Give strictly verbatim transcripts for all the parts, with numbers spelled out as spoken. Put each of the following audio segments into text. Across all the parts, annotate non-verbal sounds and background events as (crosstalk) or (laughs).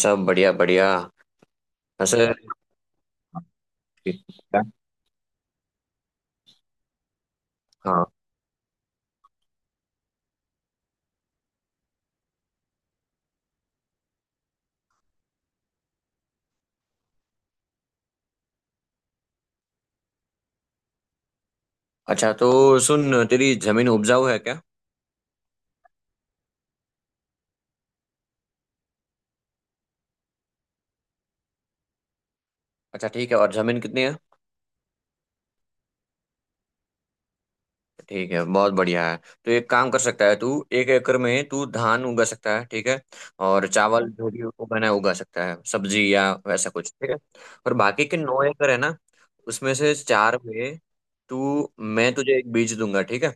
सब बढ़िया बढ़िया। वैसे। (laughs) हाँ। अच्छा, तो सुन, तेरी जमीन उपजाऊ है क्या? अच्छा ठीक है, और जमीन कितनी है? ठीक है, बहुत बढ़िया है। तो एक काम कर सकता है तू, एक एकड़ में तू धान उगा सकता है, ठीक है। और चावल जो भी उगाना है उगा सकता है, सब्जी या वैसा कुछ, ठीक है। और बाकी के नौ एकड़ है ना, उसमें से चार में, तू मैं तुझे एक बीज दूंगा, ठीक है।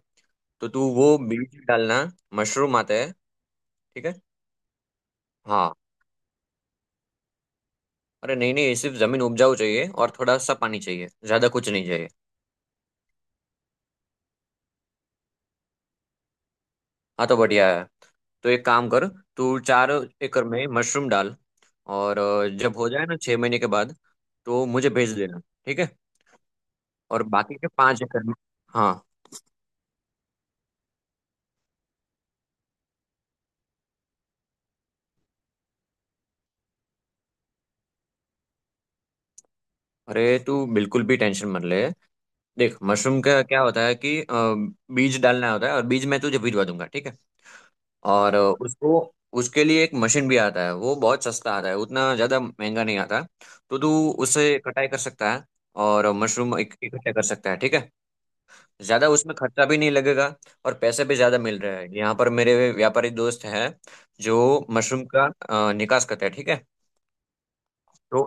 तो तू वो बीज डालना, मशरूम आता है, ठीक है। हाँ। अरे नहीं नहीं, सिर्फ जमीन उपजाऊ चाहिए और थोड़ा सा पानी चाहिए, ज्यादा कुछ नहीं चाहिए। हाँ तो बढ़िया है। तो एक काम कर, तू चार एकड़ में मशरूम डाल। और अ, जब हो जाए ना छह महीने के बाद, तो मुझे भेज देना, ठीक है। और बाकी के पांच एकड़ में। हाँ। अरे तू बिल्कुल भी टेंशन मत ले। देख मशरूम का क्या होता है कि अ, बीज डालना होता है, और बीज मैं तुझे भिजवा दूंगा, ठीक है। और उसको, उसके लिए एक मशीन भी आता है, वो बहुत सस्ता आता है, उतना ज़्यादा महंगा नहीं आता। तो तू उससे कटाई कर सकता है और मशरूम इक- इकट्ठा कर सकता है, ठीक है। ज़्यादा उसमें खर्चा भी नहीं लगेगा, और पैसे भी ज़्यादा मिल रहे हैं, यहाँ पर मेरे व्यापारी दोस्त हैं जो मशरूम का अ, निकास करते हैं, ठीक है। तो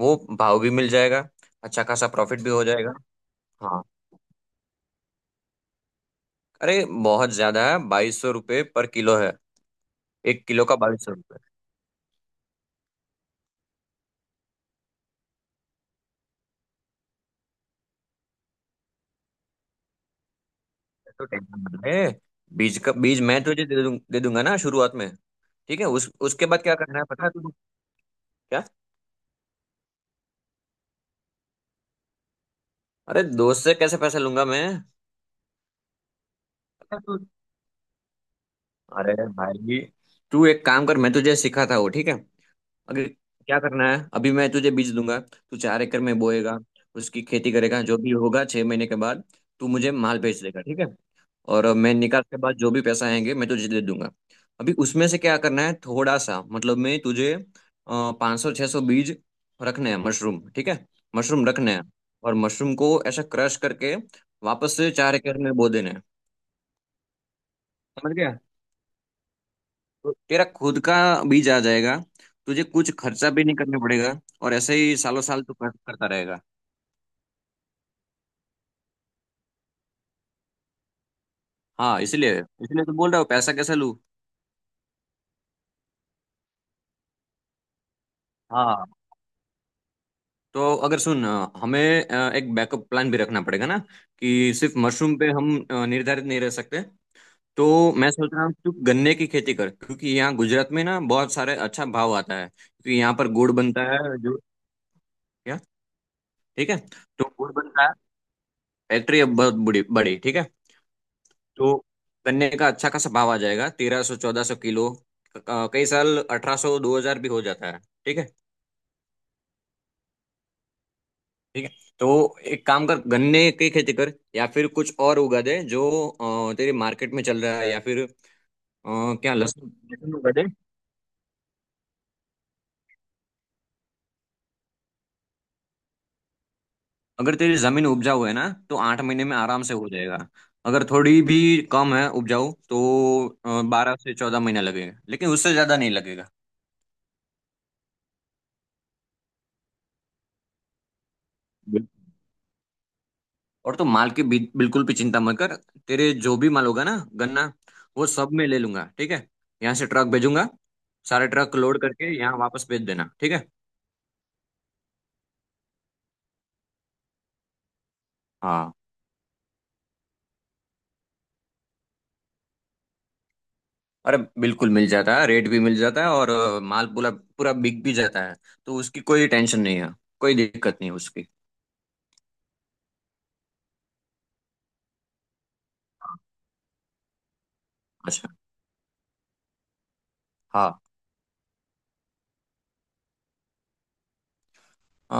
वो भाव भी मिल जाएगा, अच्छा खासा प्रॉफिट भी हो जाएगा। हाँ। अरे बहुत ज़्यादा है, बाईस सौ रुपये पर किलो है। एक किलो का बाईस सौ। तो टेंशन मत ले, बीज का बीज मैं तुझे दे दूं, दे दूंगा ना शुरुआत में, ठीक है। उस उसके बाद क्या करना है पता है तुझे? क्या? अरे दोस्त से कैसे पैसे लूंगा मैं? अरे तू- अरे भाई, तू एक काम कर, मैं तुझे सिखाता हूँ, ठीक है। अगर क्या करना है, अभी मैं तुझे बीज दूंगा, तू चार एकड़ में बोएगा, उसकी खेती करेगा, जो भी होगा छह महीने के बाद, तू मुझे माल भेज देगा, ठीक है। और मैं निकाल के बाद जो भी पैसा आएंगे मैं तुझे दे दूंगा। अभी उसमें से क्या करना है, थोड़ा सा मतलब, मैं तुझे पाँच सौ छः सौ बीज रखने हैं मशरूम, ठीक है। मशरूम रखने हैं, और मशरूम को ऐसा क्रश करके वापस से चार एकड़ में बो देने हैं। समझ गया। तो तेरा खुद का बीज आ जाएगा, तुझे कुछ खर्चा भी नहीं करना पड़ेगा। और ऐसे ही सालों साल तू कर, करता रहेगा। हाँ, इसीलिए इसीलिए तो बोल रहा हूँ, पैसा कैसे लूँ। हाँ। तो अगर सुन, अ, हमें अ, एक बैकअप प्लान भी रखना पड़ेगा ना, कि सिर्फ मशरूम पे हम अ, निर्धारित नहीं रह सकते। तो मैं सोच रहा हूँ तू गन्ने की खेती कर, क्योंकि यहाँ गुजरात में ना बहुत सारे अच्छा भाव आता है, क्योंकि यहाँ पर गुड़ बनता है। जो क्या? ठीक है। तो गुड़ बनता है, फैक्ट्री अब बहुत बड़ी बड़ी, ठीक है। तो गन्ने का अच्छा खासा भाव आ जाएगा, तेरह सौ चौदह सौ किलो। अ, कई साल अठारह सौ दो हजार भी हो जाता है, ठीक है। ठीक है। तो एक काम कर, गन्ने की खेती कर, या फिर कुछ और उगा दे जो अ, तेरे मार्केट में चल रहा है, या फिर अ, क्या, लहसुन, लहसुन उगा दे। अगर तेरी जमीन उपजाऊ है ना तो आठ महीने में आराम से हो जाएगा। अगर थोड़ी भी कम है उपजाऊ, तो अ, बारह से चौदह महीना लगेगा, लेकिन उससे ज्यादा नहीं लगेगा। बिल्कुल। और तो माल की बि- बिल्कुल भी चिंता मत कर। तेरे जो भी माल होगा ना, गन्ना, वो सब मैं ले लूंगा, ठीक है। यहाँ से ट्रक भेजूंगा, सारे ट्रक लोड करके यहाँ वापस भेज देना, ठीक है। हाँ। अरे बिल्कुल मिल जाता है, रेट भी मिल जाता है, और अ, माल पूरा पूरा बिक भी जाता है, तो उसकी कोई टेंशन नहीं है, कोई दिक्कत नहीं है उसकी। अच्छा। हाँ। अ,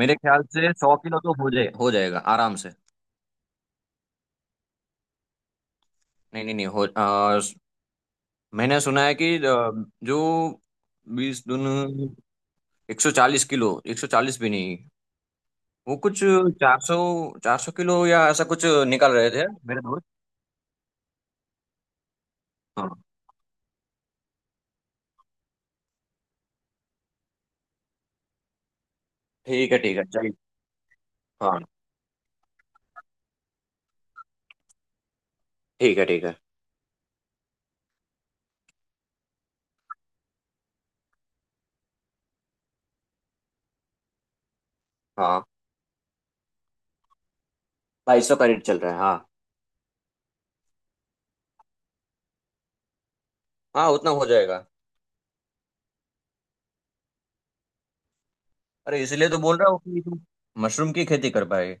मेरे ख्याल से सौ किलो तो हो जाए, हो जाएगा आराम से। नहीं नहीं नहीं हो, अ, मैंने सुना है कि अ, जो बीस दून एक सौ चालीस किलो, एक सौ चालीस भी नहीं, वो कुछ चार सौ, चार सौ किलो या ऐसा कुछ निकाल रहे थे मेरे दोस्त। हाँ ठीक है, ठीक है, चलिए। हाँ, ठीक है ठीक है। हाँ, बाईस सौ का रेट चल रहा है, हाँ। हाँ उतना हो जाएगा। अरे इसलिए तो बोल रहा हूँ कि तुम मशरूम की खेती कर पाए।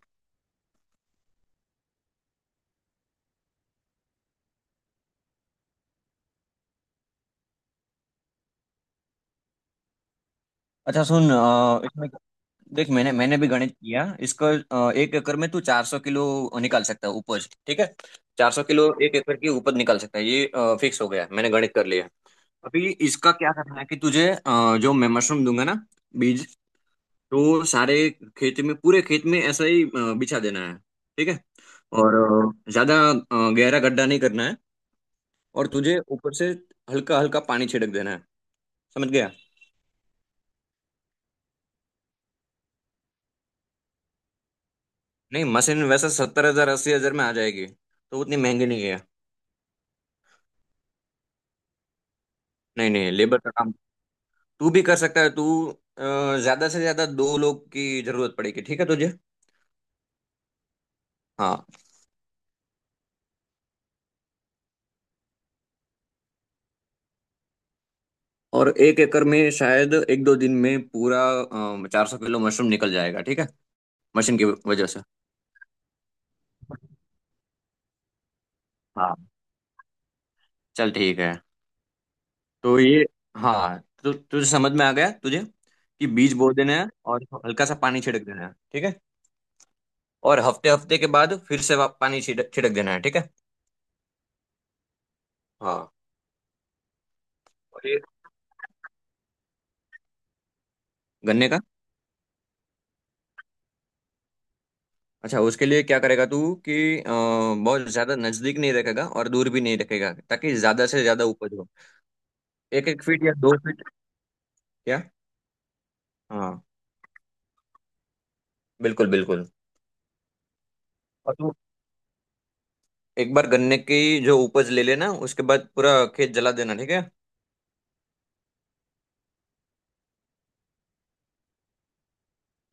अच्छा सुन, अ, इसमें देख, मैंने मैंने भी गणित किया इसको। अ, एक एकड़ में तू चार सौ किलो निकाल सकता है उपज, ठीक है। चार सौ किलो एक एकड़ की उपज निकाल सकता है, ये फिक्स हो गया, मैंने गणित कर लिया। अभी इसका क्या करना है कि तुझे अ, जो मैं मशरूम दूंगा ना, बीज, तो सारे खेत में, पूरे खेत में ऐसा ही अ, बिछा देना है, ठीक है। और अ, ज्यादा अ, गहरा गड्ढा नहीं करना है। और तुझे ऊपर से हल्का हल्का पानी छिड़क देना है। समझ गया। नहीं, मशीन वैसे सत्तर हजार अस्सी हजार में आ जाएगी, तो उतनी महंगी नहीं है। नहीं नहीं, लेबर का काम तू भी कर सकता है। तू अ, ज्यादा से ज्यादा दो लोग की जरूरत पड़ेगी, ठीक है तुझे। हाँ। और एक एकड़ में शायद एक दो दिन में पूरा चार सौ किलो मशरूम निकल जाएगा, ठीक है। मशीन की वजह से। हाँ, चल ठीक है। तो ये, हाँ, तो तुझे समझ में आ गया? तुझे कि बीज बो देना है और हल्का सा पानी छिड़क देना है, ठीक है। और हफ्ते हफ्ते के बाद फिर से वा- पानी छिड़क छिड़क देना है, ठीक है। हाँ। गन्ने का, अच्छा उसके लिए क्या करेगा तू, कि अ, बहुत ज्यादा नजदीक नहीं रखेगा और दूर भी नहीं रखेगा, ताकि ज्यादा से ज्यादा उपज हो। एक एक फीट या दो फीट। क्या? हाँ बिल्कुल बिल्कुल। और तू एक बार गन्ने की जो उपज ले लेना, उसके बाद पूरा खेत जला देना, ठीक है।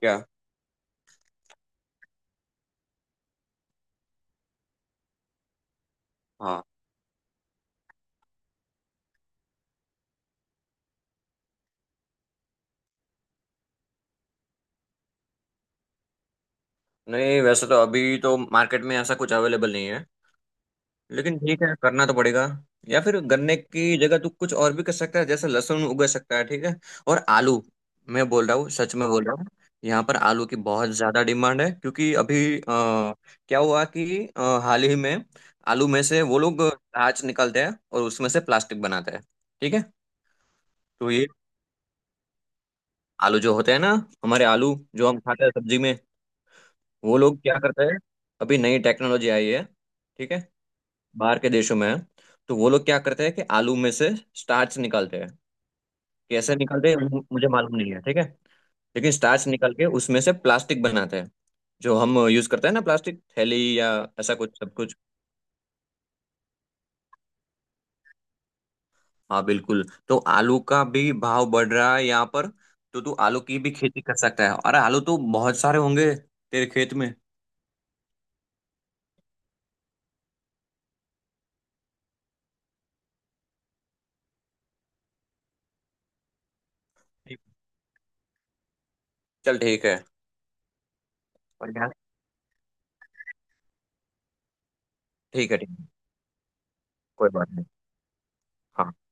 क्या? हाँ। नहीं, वैसे तो अभी तो मार्केट में ऐसा कुछ अवेलेबल नहीं है, लेकिन ठीक है, करना तो पड़ेगा। या फिर गन्ने की जगह तू कुछ और भी कर सकता है, जैसे लहसुन उगा सकता है, ठीक है। और आलू। मैं बोल रहा हूँ सच में बोल रहा हूँ, यहाँ पर आलू की बहुत ज्यादा डिमांड है, क्योंकि अभी अ, क्या हुआ कि अ, हाल ही में आलू में से वो लोग अनाज निकालते हैं और उसमें से प्लास्टिक बनाते हैं, ठीक है। तो ये आलू जो होते हैं ना, हमारे आलू जो हम खाते हैं सब्जी में, वो लोग क्या करते हैं, अभी नई टेक्नोलॉजी आई है, ठीक है, बाहर के देशों में है। तो वो लोग क्या करते हैं कि आलू में से स्टार्च निकालते हैं। कैसे निकालते हैं मु- मुझे मालूम नहीं है, ठीक है। लेकिन स्टार्च निकाल के उसमें से प्लास्टिक बनाते हैं, जो हम यूज करते हैं ना, प्लास्टिक थैली या ऐसा कुछ, सब कुछ। हाँ बिल्कुल, तो आलू का भी भाव बढ़ रहा है यहाँ पर, तो तू आलू की भी खेती कर सकता है। अरे आलू तो बहुत सारे होंगे तेरे खेत में। चल ठीक है। और यहाँ- ठीक है ठीक है, कोई बात नहीं। हाँ।